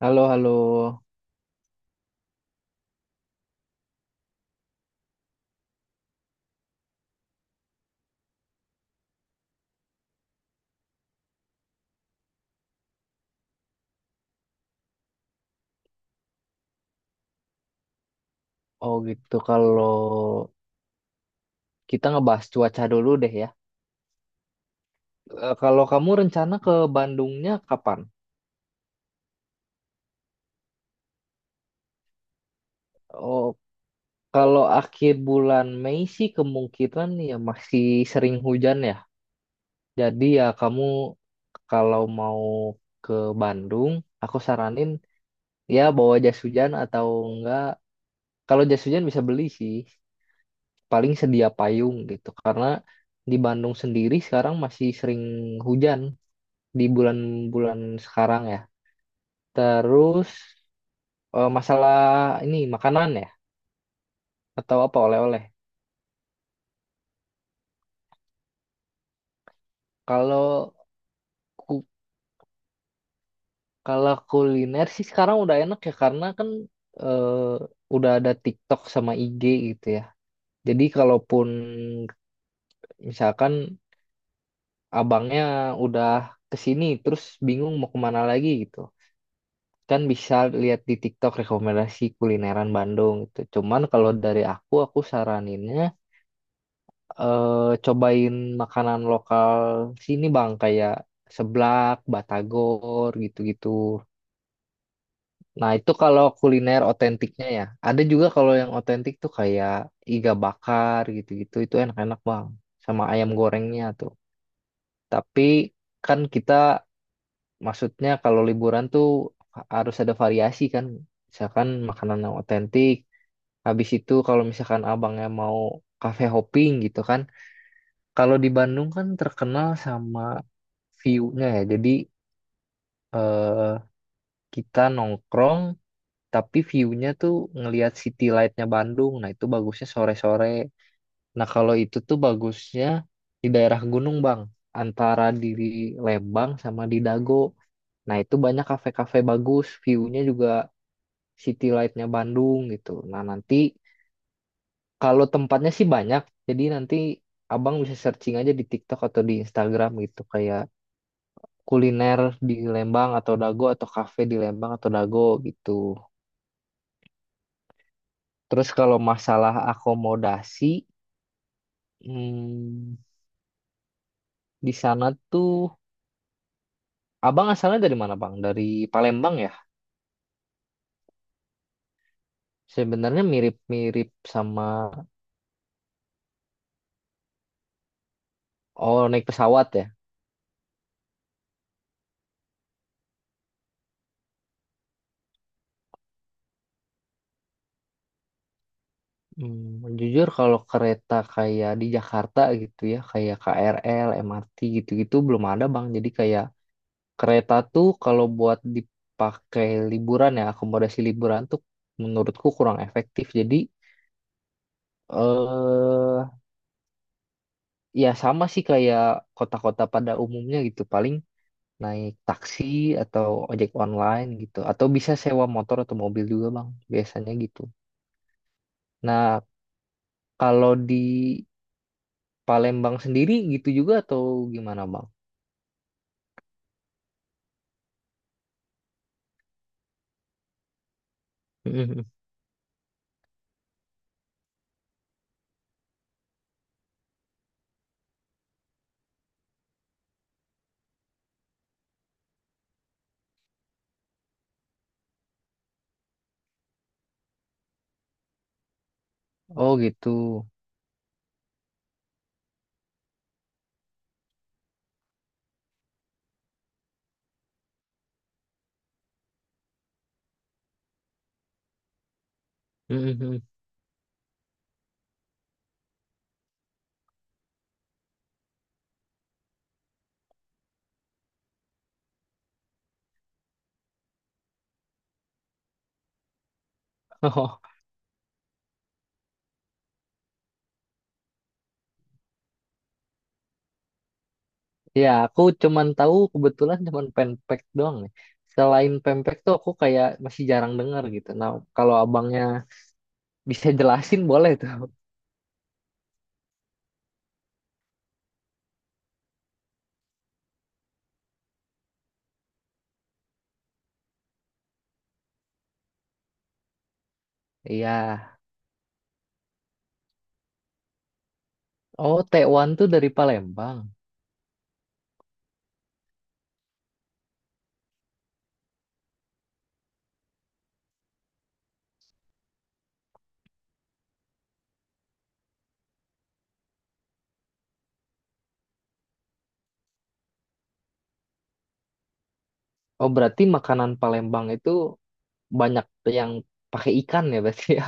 Halo, halo. Oh gitu, kalau kita ngebahas cuaca dulu deh ya. Kalau kamu rencana ke Bandungnya kapan? Oh, kalau akhir bulan Mei sih kemungkinan ya masih sering hujan ya. Jadi ya kamu kalau mau ke Bandung, aku saranin ya bawa jas hujan atau enggak. Kalau jas hujan bisa beli sih, paling sedia payung gitu. Karena di Bandung sendiri sekarang masih sering hujan di bulan-bulan sekarang ya. Terus masalah ini makanan ya atau apa oleh-oleh. Kalau ku- Kalau kuliner sih sekarang udah enak ya karena kan eh, udah ada TikTok sama IG gitu ya. Jadi kalaupun misalkan abangnya udah ke sini terus bingung mau kemana lagi gitu. Kan bisa lihat di TikTok rekomendasi kulineran Bandung gitu. Cuman kalau dari aku saraninnya eh cobain makanan lokal sini bang kayak seblak, batagor gitu-gitu. Nah itu kalau kuliner otentiknya ya. Ada juga kalau yang otentik tuh kayak iga bakar gitu-gitu itu enak-enak bang. Sama ayam gorengnya tuh. Tapi kan kita maksudnya kalau liburan tuh harus ada variasi kan. Misalkan makanan yang otentik. Habis itu kalau misalkan abangnya mau cafe hopping gitu kan. Kalau di Bandung kan terkenal sama view-nya ya. Jadi eh, kita nongkrong tapi view-nya tuh ngelihat city light-nya Bandung. Nah, itu bagusnya sore-sore. Nah, kalau itu tuh bagusnya di daerah gunung, Bang. Antara di Lembang sama di Dago. Nah, itu banyak kafe-kafe bagus, view-nya juga city light-nya Bandung gitu. Nah, nanti kalau tempatnya sih banyak. Jadi nanti Abang bisa searching aja di TikTok atau di Instagram gitu kayak kuliner di Lembang atau Dago atau kafe di Lembang atau Dago gitu. Terus kalau masalah akomodasi, hmm, di sana tuh Abang asalnya dari mana, Bang? Dari Palembang ya? Sebenarnya mirip-mirip sama, oh naik pesawat ya. Hmm, jujur kalau kereta kayak di Jakarta gitu ya, kayak KRL, MRT gitu-gitu belum ada, Bang. Jadi kayak kereta tuh kalau buat dipakai liburan ya, akomodasi liburan tuh menurutku kurang efektif. Jadi eh ya sama sih kayak kota-kota pada umumnya gitu, paling naik taksi atau ojek online gitu, atau bisa sewa motor atau mobil juga bang, biasanya gitu. Nah kalau di Palembang sendiri gitu juga atau gimana bang? Oh gitu. Ya, aku cuman tahu kebetulan cuman pempek doang nih. Selain pempek tuh aku kayak masih jarang dengar gitu. Nah, kalau abangnya bisa jelasin boleh tuh. Iya. Oh, tekwan tuh dari Palembang. Oh, berarti makanan Palembang itu banyak yang pakai ikan ya berarti ya.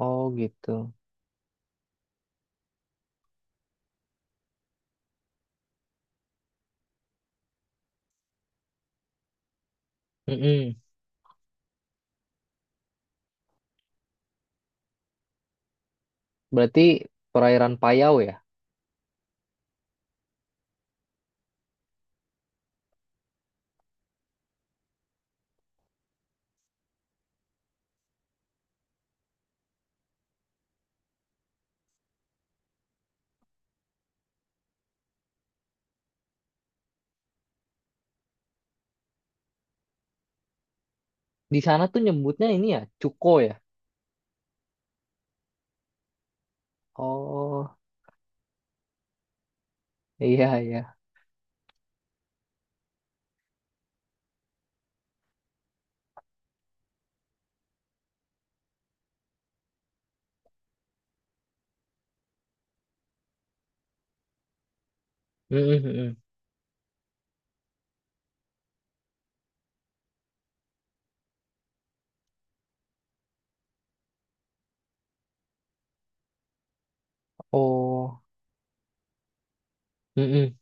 Oh, gitu. Mm-mm. Berarti perairan Payau ya. Di sana tuh nyebutnya ini ya, cuko ya. Oh, iya iya. Mm-mm, mm-mm. Oh, mm-mm.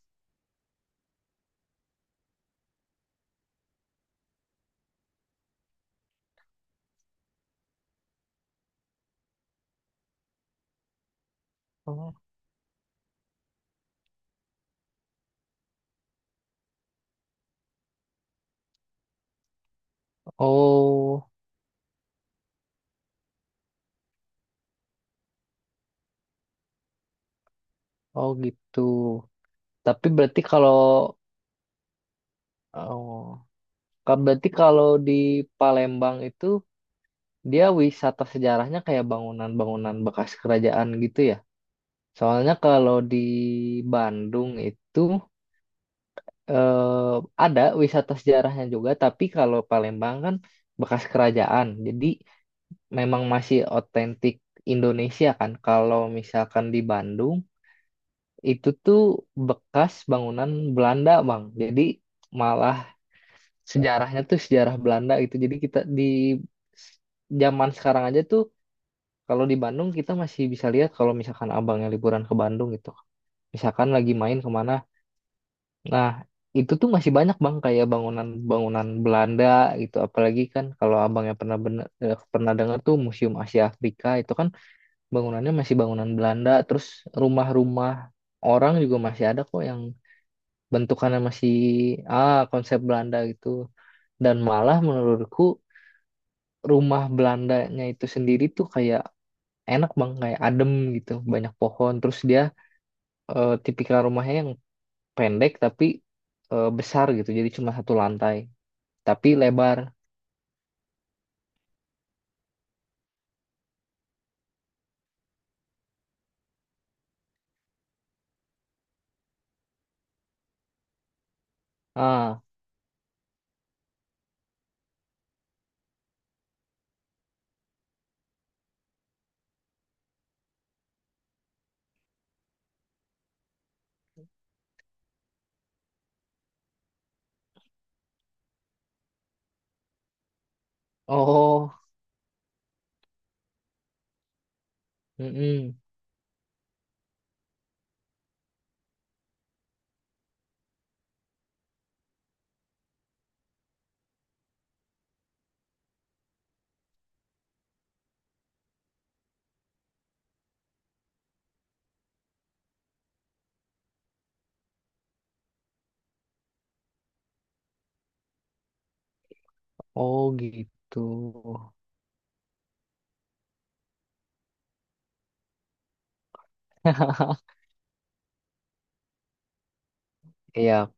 Oh. Oh. Oh gitu. Tapi berarti kalau, oh, kan berarti kalau di Palembang itu dia wisata sejarahnya kayak bangunan-bangunan bekas kerajaan gitu ya. Soalnya kalau di Bandung itu eh, ada wisata sejarahnya juga, tapi kalau Palembang kan bekas kerajaan. Jadi memang masih otentik Indonesia kan. Kalau misalkan di Bandung itu tuh bekas bangunan Belanda, Bang. Jadi malah sejarahnya tuh sejarah Belanda gitu. Jadi kita di zaman sekarang aja tuh kalau di Bandung kita masih bisa lihat kalau misalkan abangnya liburan ke Bandung gitu. Misalkan lagi main kemana. Nah, itu tuh masih banyak bang kayak bangunan-bangunan Belanda gitu. Apalagi kan kalau abangnya pernah dengar tuh Museum Asia Afrika itu kan bangunannya masih bangunan Belanda. Terus rumah-rumah orang juga masih ada kok yang bentukannya masih ah konsep Belanda gitu dan malah menurutku rumah Belandanya itu sendiri tuh kayak enak bang kayak adem gitu banyak pohon terus dia tipikal rumahnya yang pendek tapi besar gitu jadi cuma satu lantai tapi lebar ah oh mm-mm. Oh gitu. Iya.